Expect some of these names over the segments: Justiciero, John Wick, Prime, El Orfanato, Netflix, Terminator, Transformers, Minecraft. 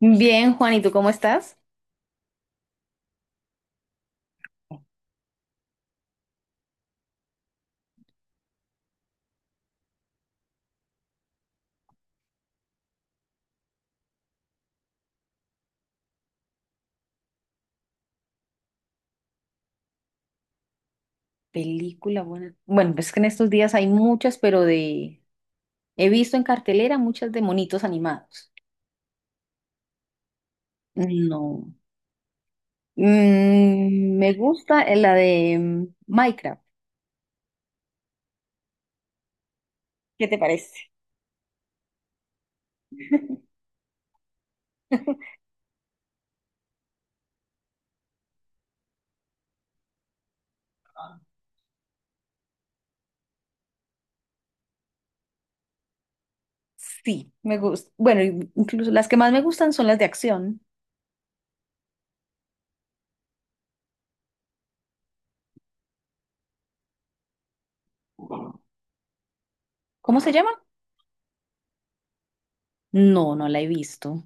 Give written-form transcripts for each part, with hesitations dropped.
Bien, Juan, ¿y tú cómo estás? Película buena. Bueno, pues es que en estos días hay muchas, pero de... He visto en cartelera muchas de monitos animados. No. Me gusta la de Minecraft. ¿Qué te parece? Sí, me gusta. Bueno, incluso las que más me gustan son las de acción. ¿Cómo se llama? No, no la he visto.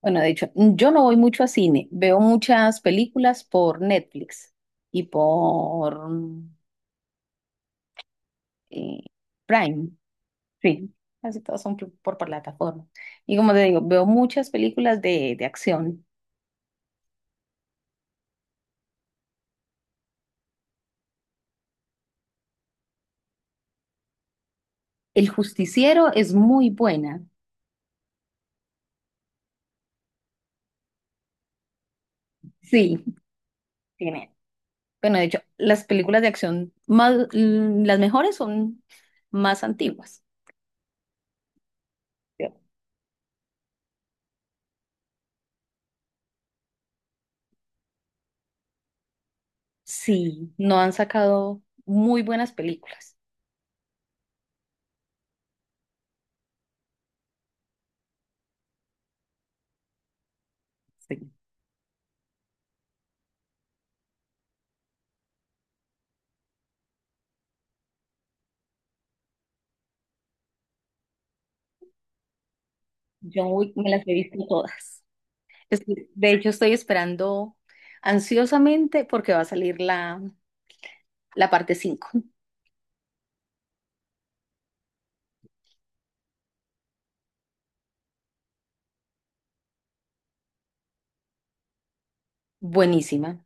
Bueno, de hecho, yo no voy mucho a cine. Veo muchas películas por Netflix y por eh, Prime. Sí, casi todas son por plataforma. Y como te digo, veo muchas películas de acción. El Justiciero es muy buena. Sí, tiene. Bueno, de hecho, las películas de acción más, las mejores son más antiguas. Creo. Sí, no han sacado muy buenas películas. Sí. John Wick me las he visto todas. De hecho, estoy esperando ansiosamente porque va a salir la parte 5. Buenísima.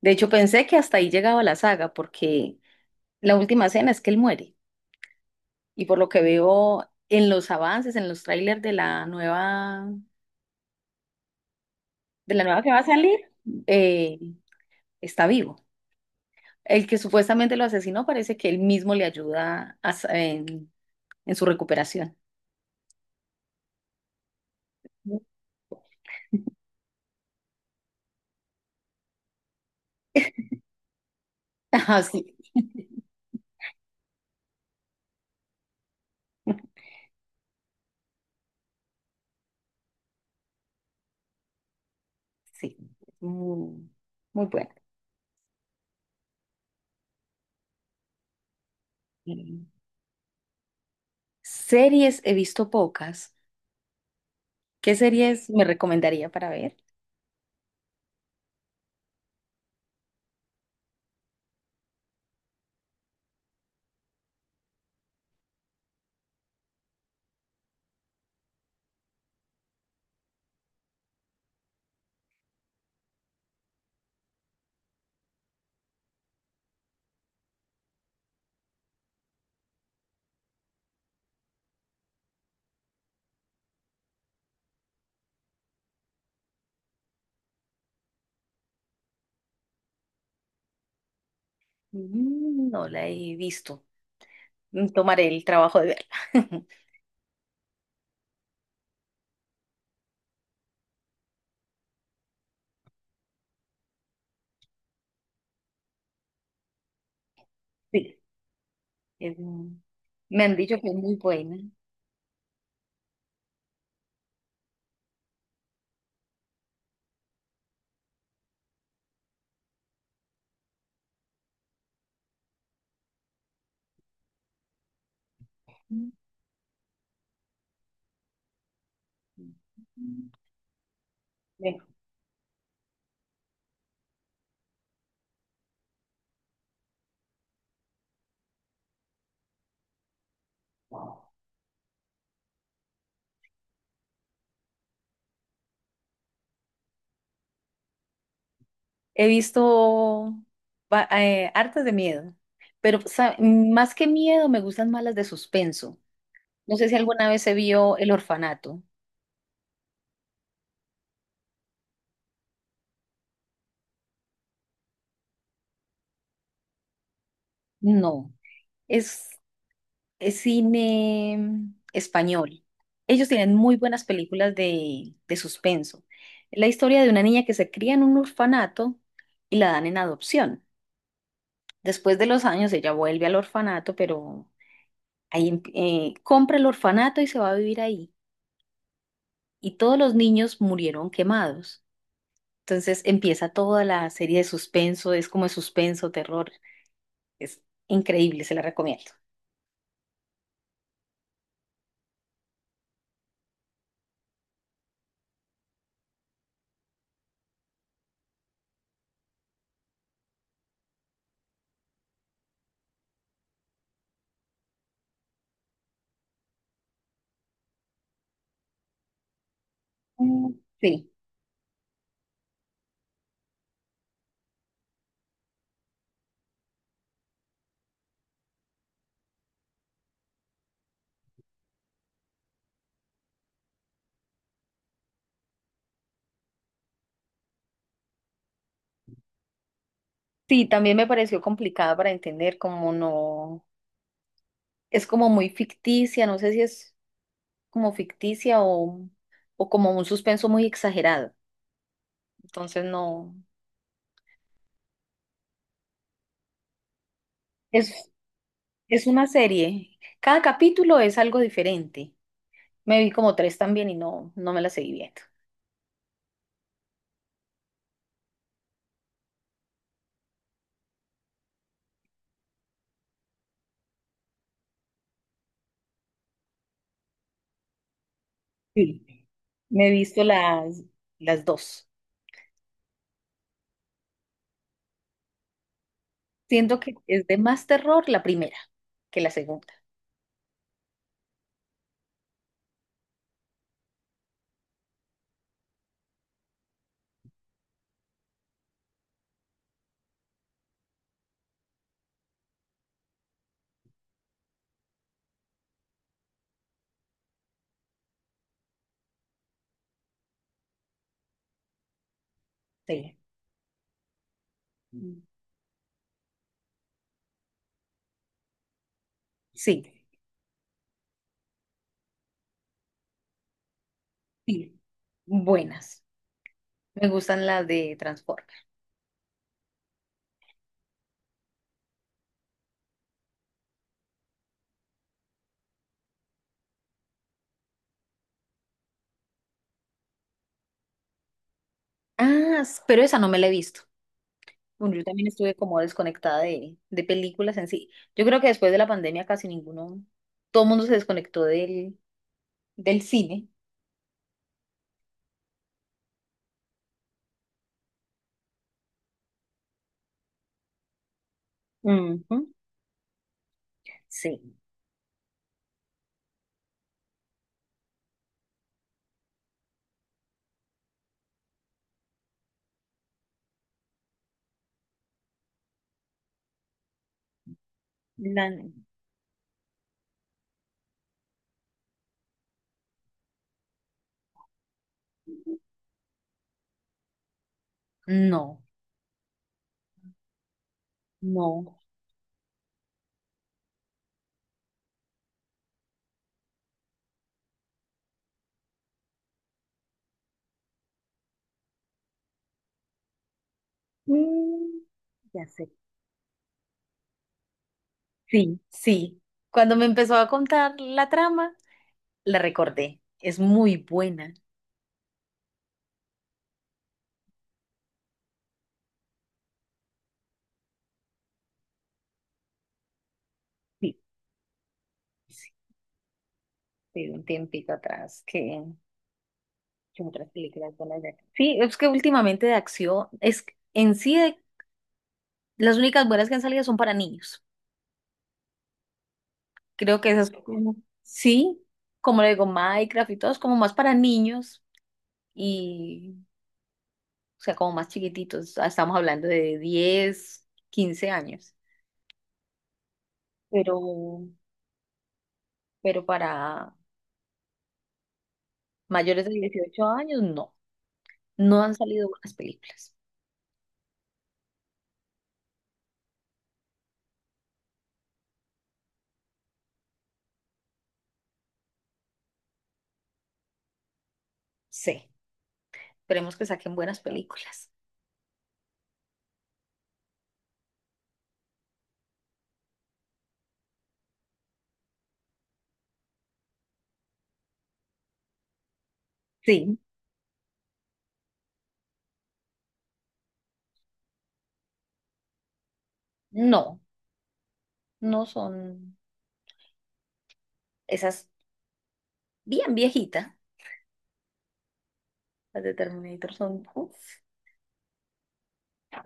De hecho, pensé que hasta ahí llegaba la saga, porque la última escena es que él muere. Y por lo que veo en los avances, en los trailers de de la nueva que va a salir, eh, está vivo. El que supuestamente lo asesinó parece que él mismo le ayuda a en su recuperación. Ajá, sí, sí, muy, muy buena. Series he visto pocas. ¿Qué series me recomendaría para ver? Mm, No la he visto. Mm, Tomaré el trabajo de verla. Sí, es muy- me han dicho que es muy buena. Mm, bueno. He visto hartas de miedo, pero más que miedo me gustan más las de suspenso. No sé si alguna vez se vio El Orfanato. No. Es cine español. Ellos tienen muy buenas películas de suspenso. La historia de una niña que se cría en un orfanato y la dan en adopción. Después de los años ella vuelve al orfanato, pero ahí compra el orfanato y se va a vivir ahí. Y todos los niños murieron quemados. Entonces empieza toda la serie de suspenso, es como de suspenso, terror. Es increíble, se la recomiendo. Mm. Sí, sí, también me pareció complicada para entender, como no, es como muy ficticia, no sé si es como ficticia o como un suspenso muy exagerado. Entonces no, es, es una serie. Cada capítulo es algo diferente. Me vi como tres también y no, no me las seguí viendo. Sí. Me he visto las dos. Siento que es de más terror la primera que la segunda. Sí. Mm. Sí, sí. Buenas. Me gustan las de Transformers. Pero esa no me la he visto. Bueno, yo también estuve como desconectada de películas en sí. Yo creo que después de la pandemia casi ninguno, todo el mundo se desconectó del cine. Ujú. Sí. La- no, no. Mm, ya sé. Sí, sí. Cuando me empezó a contar la trama, la recordé. Es muy buena. Sí, sí. Sí, un tiempito atrás que otras películas buenas sí, es que últimamente de acción, es que en sí las únicas buenas que han salido son para niños. Creo que esas como, sí, como le digo, Minecraft y todo es como más para niños y, o sea, como más chiquititos. Estamos hablando de 10, 15 años. Pero pero para mayores de 18 años no, no han salido buenas películas. Sí, esperemos que saquen buenas películas. Sí, no, no son esas bien viejitas, las de Terminator son, uf,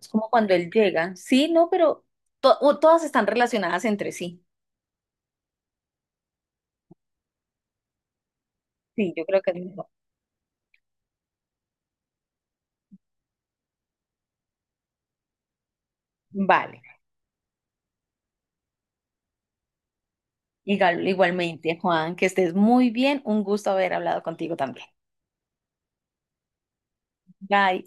es como cuando él llega. Sí, no, pero o todas están relacionadas entre sí. Sí, yo creo que es mejor. Vale. Igual- igualmente, Juan, que estés muy bien. Un gusto haber hablado contigo también. Bye.